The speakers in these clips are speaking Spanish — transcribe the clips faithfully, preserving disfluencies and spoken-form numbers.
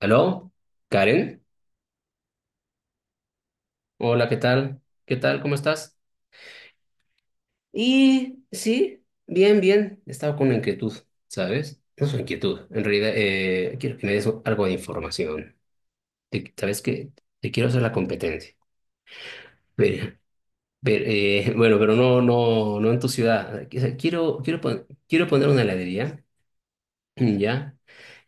¿Aló? ¿Karen? Hola, ¿qué tal? ¿Qué tal? ¿Cómo estás? Y sí, bien, bien. He estado con una inquietud, ¿sabes? No es una inquietud. En realidad, eh, quiero que me des algo de información. Te- ¿sabes qué? Te quiero hacer la competencia. Ver- ver, eh, bueno, pero no, no, no en tu ciudad. Quiero, quiero, pon- quiero poner una heladería, ¿ya?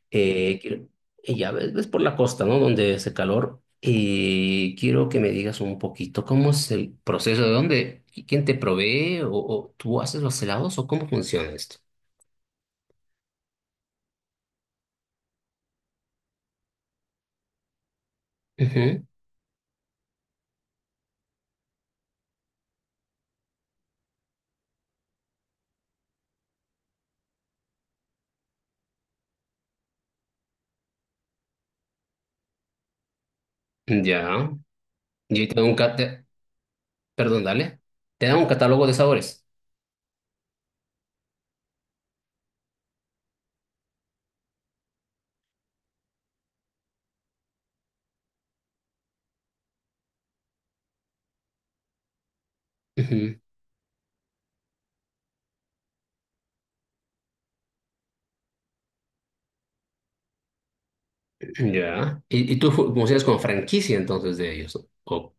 Eh, quiero- y ya ves, ves por la costa, ¿no? Donde hace calor. Y quiero que me digas un poquito cómo es el proceso, de dónde, quién te provee, o, o tú haces los helados, o cómo funciona esto. Ujú. Ya. Y ahí te da un cat- te- perdón, dale. Te da un catálogo de sabores. Ujú. Ya. Y, y tú fu- funcionas con franquicia entonces de ellos, ¿no? O,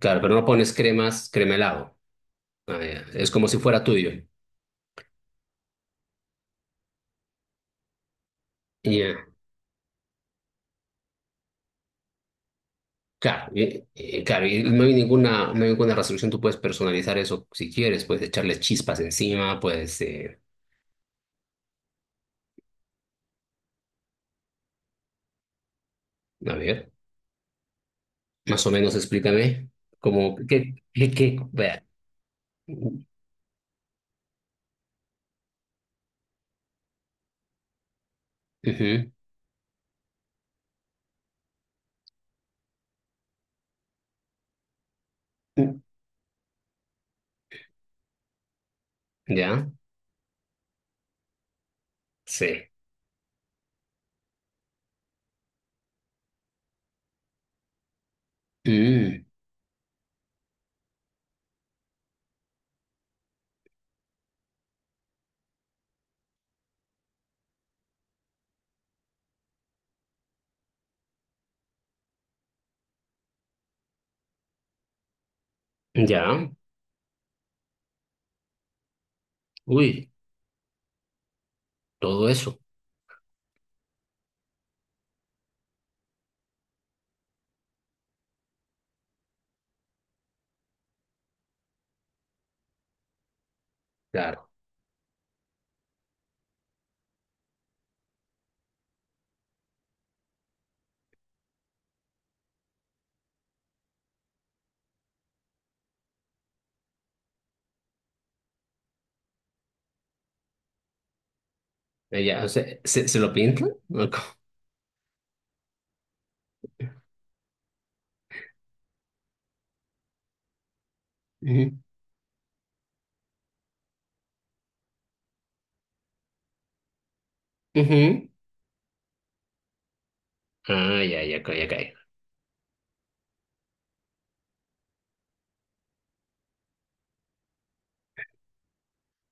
claro, pero no pones cremas, crema helado. Ah, ya. Es como si fuera tuyo. Ya. Claro, eh, eh, claro, y no hay ninguna, no hay ninguna resolución, tú puedes personalizar eso si quieres, puedes echarle chispas encima, puedes, eh, a ver, más o menos explícame, como, ¿qué, qué, ¿qué? Vea. Ujú. Ya, sí. Mm, ya, uy, todo eso, claro. Eh, Ya, o sea, ¿se, se lo pintan? ¿O cómo? Ujú. Ujú. Ah, ya, ya, ca- ya cae.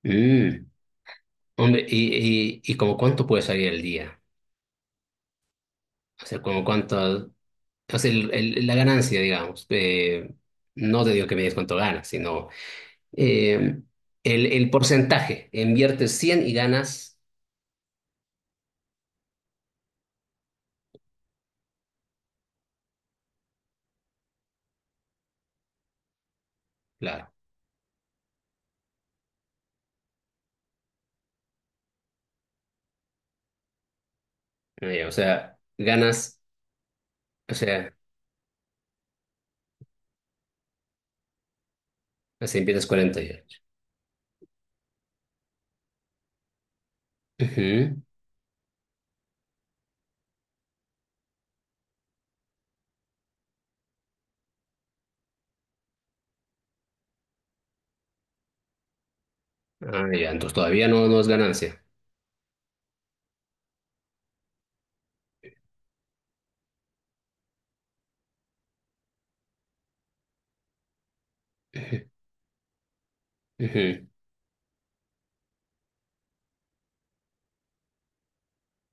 Mm, hombre, ¿y, y, y como cuánto puede salir al día? O sea, ¿como cuánto? O sea, el- el- la ganancia, digamos, eh, no te digo que me digas cuánto ganas, sino eh, el, el porcentaje. Inviertes cien y ganas, claro, eh, o sea, ganas, o sea, así empiezas cuarenta y ocho. Ujú. Ah, ya, entonces todavía no, no es ganancia. Ujú, ujú,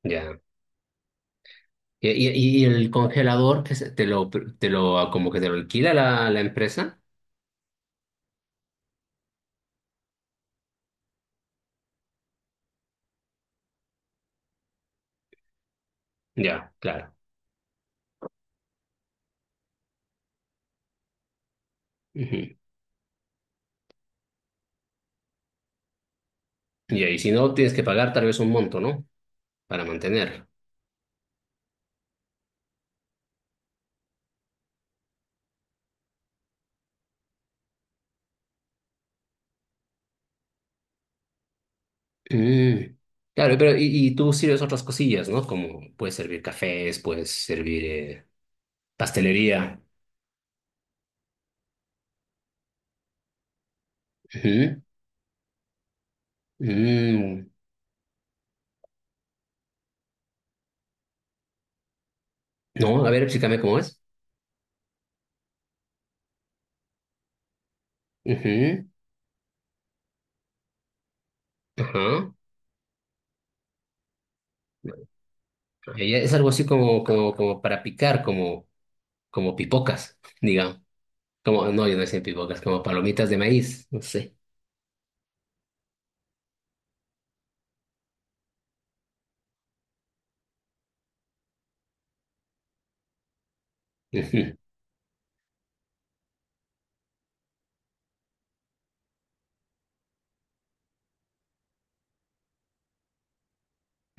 ya. ¿Y, y- y el congelador que se- te lo, te lo, como que te lo alquila la, la empresa? Ya, claro. Ujú. Ya, y si no, tienes que pagar tal vez un monto, ¿no? Para mantenerlo. Mm. Claro, pero y, y tú sirves otras cosillas, ¿no? Como puedes servir cafés, puedes servir eh, pastelería. Ujú. Mm. No, a ver, explícame cómo es. Ujú. Ajá. Ella es algo así como, como, como para picar, como, como pipocas, digamos. Como, no, yo no sé pipocas, como palomitas de maíz, no sé. Ujú.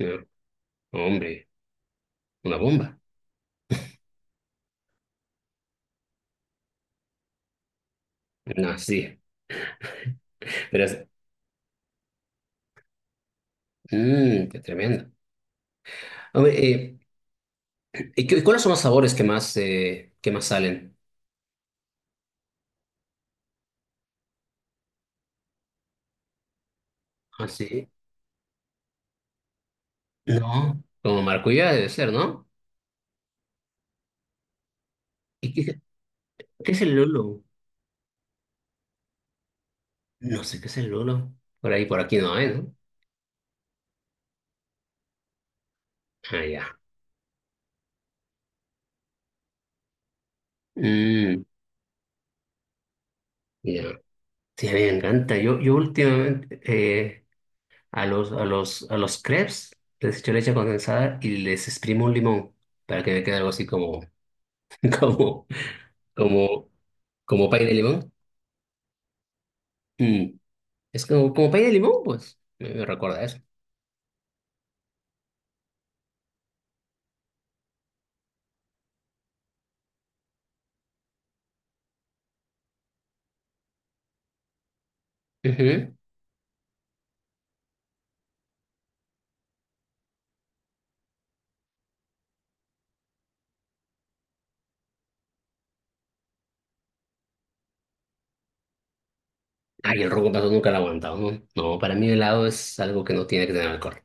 No, hombre, una bomba. No, sí, pero es mm, qué tremendo. Hombre, eh, ¿Y qué- cuáles son los sabores que más, eh, que más salen? Ah, sí. No. Como maracuyá debe ser, ¿no? ¿Y qué, qué es el lolo? No sé qué es el lolo. Por ahí, por aquí no hay, ¿no? Ah, ya. Mm, ya. Sí, a mí me encanta. Yo, yo últimamente eh, a los, a los, a los crepes les echo leche condensada y les exprimo un limón para que me quede algo así como, como, como, como pay de limón. Mm, es como, como pay de limón, pues. Me, me recuerda a eso. Ujú. Ay, el ron con gato nunca lo he aguantado, ¿no? No, para mí el helado es algo que no tiene que tener alcohol.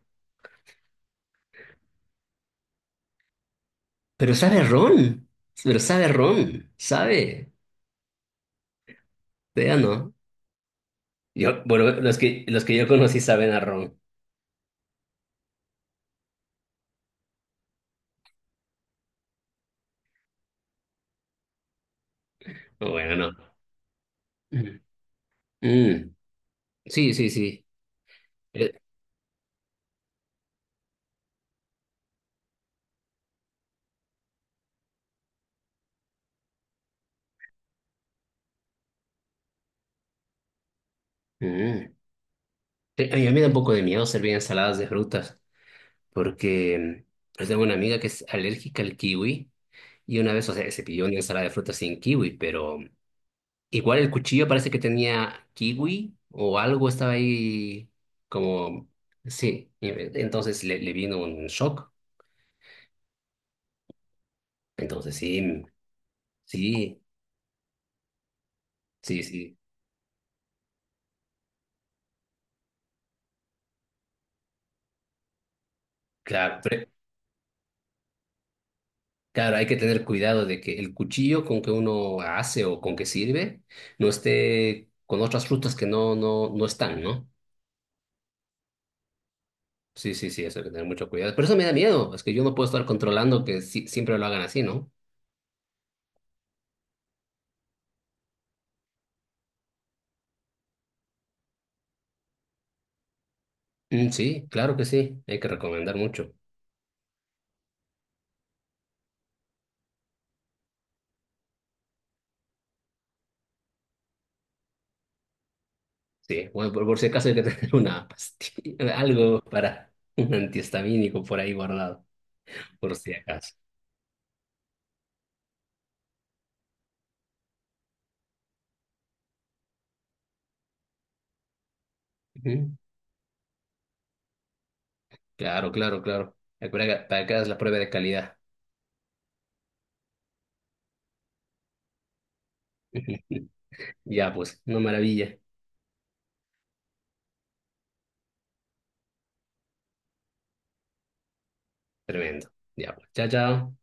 Pero sabe a ron, pero sabe a ron, sabe. Ya no. Yo, bueno, los que, los que yo conocí saben a ron. Bueno, no. Mm. Mm. Sí, sí, sí. Eh, mm. Sí, a mí me da un poco de miedo servir ensaladas de frutas, porque mm, yo tengo una amiga que es alérgica al kiwi y una vez, o sea, se pidió una ensalada de frutas sin kiwi, pero igual el cuchillo parece que tenía kiwi o algo estaba ahí como... Sí, y entonces le, le vino un shock. Entonces sí, sí, sí, sí. Claro, pero- claro, hay que tener cuidado de que el cuchillo con que uno hace o con que sirve no esté con otras frutas que no, no, no están, ¿no? Sí, sí, sí, eso hay que tener mucho cuidado. Pero eso me da miedo, es que yo no puedo estar controlando que si- siempre lo hagan así, ¿no? Mm, sí, claro que sí, hay que recomendar mucho. Sí, bueno, por, por si acaso hay que tener una pastilla, algo para un antihistamínico por ahí guardado, por si acaso. Ujú. Claro, claro, claro. Recuerda que para que hagas la prueba de calidad. Ya, pues, una maravilla. Tremendo. Ya, pues. Chao, chao.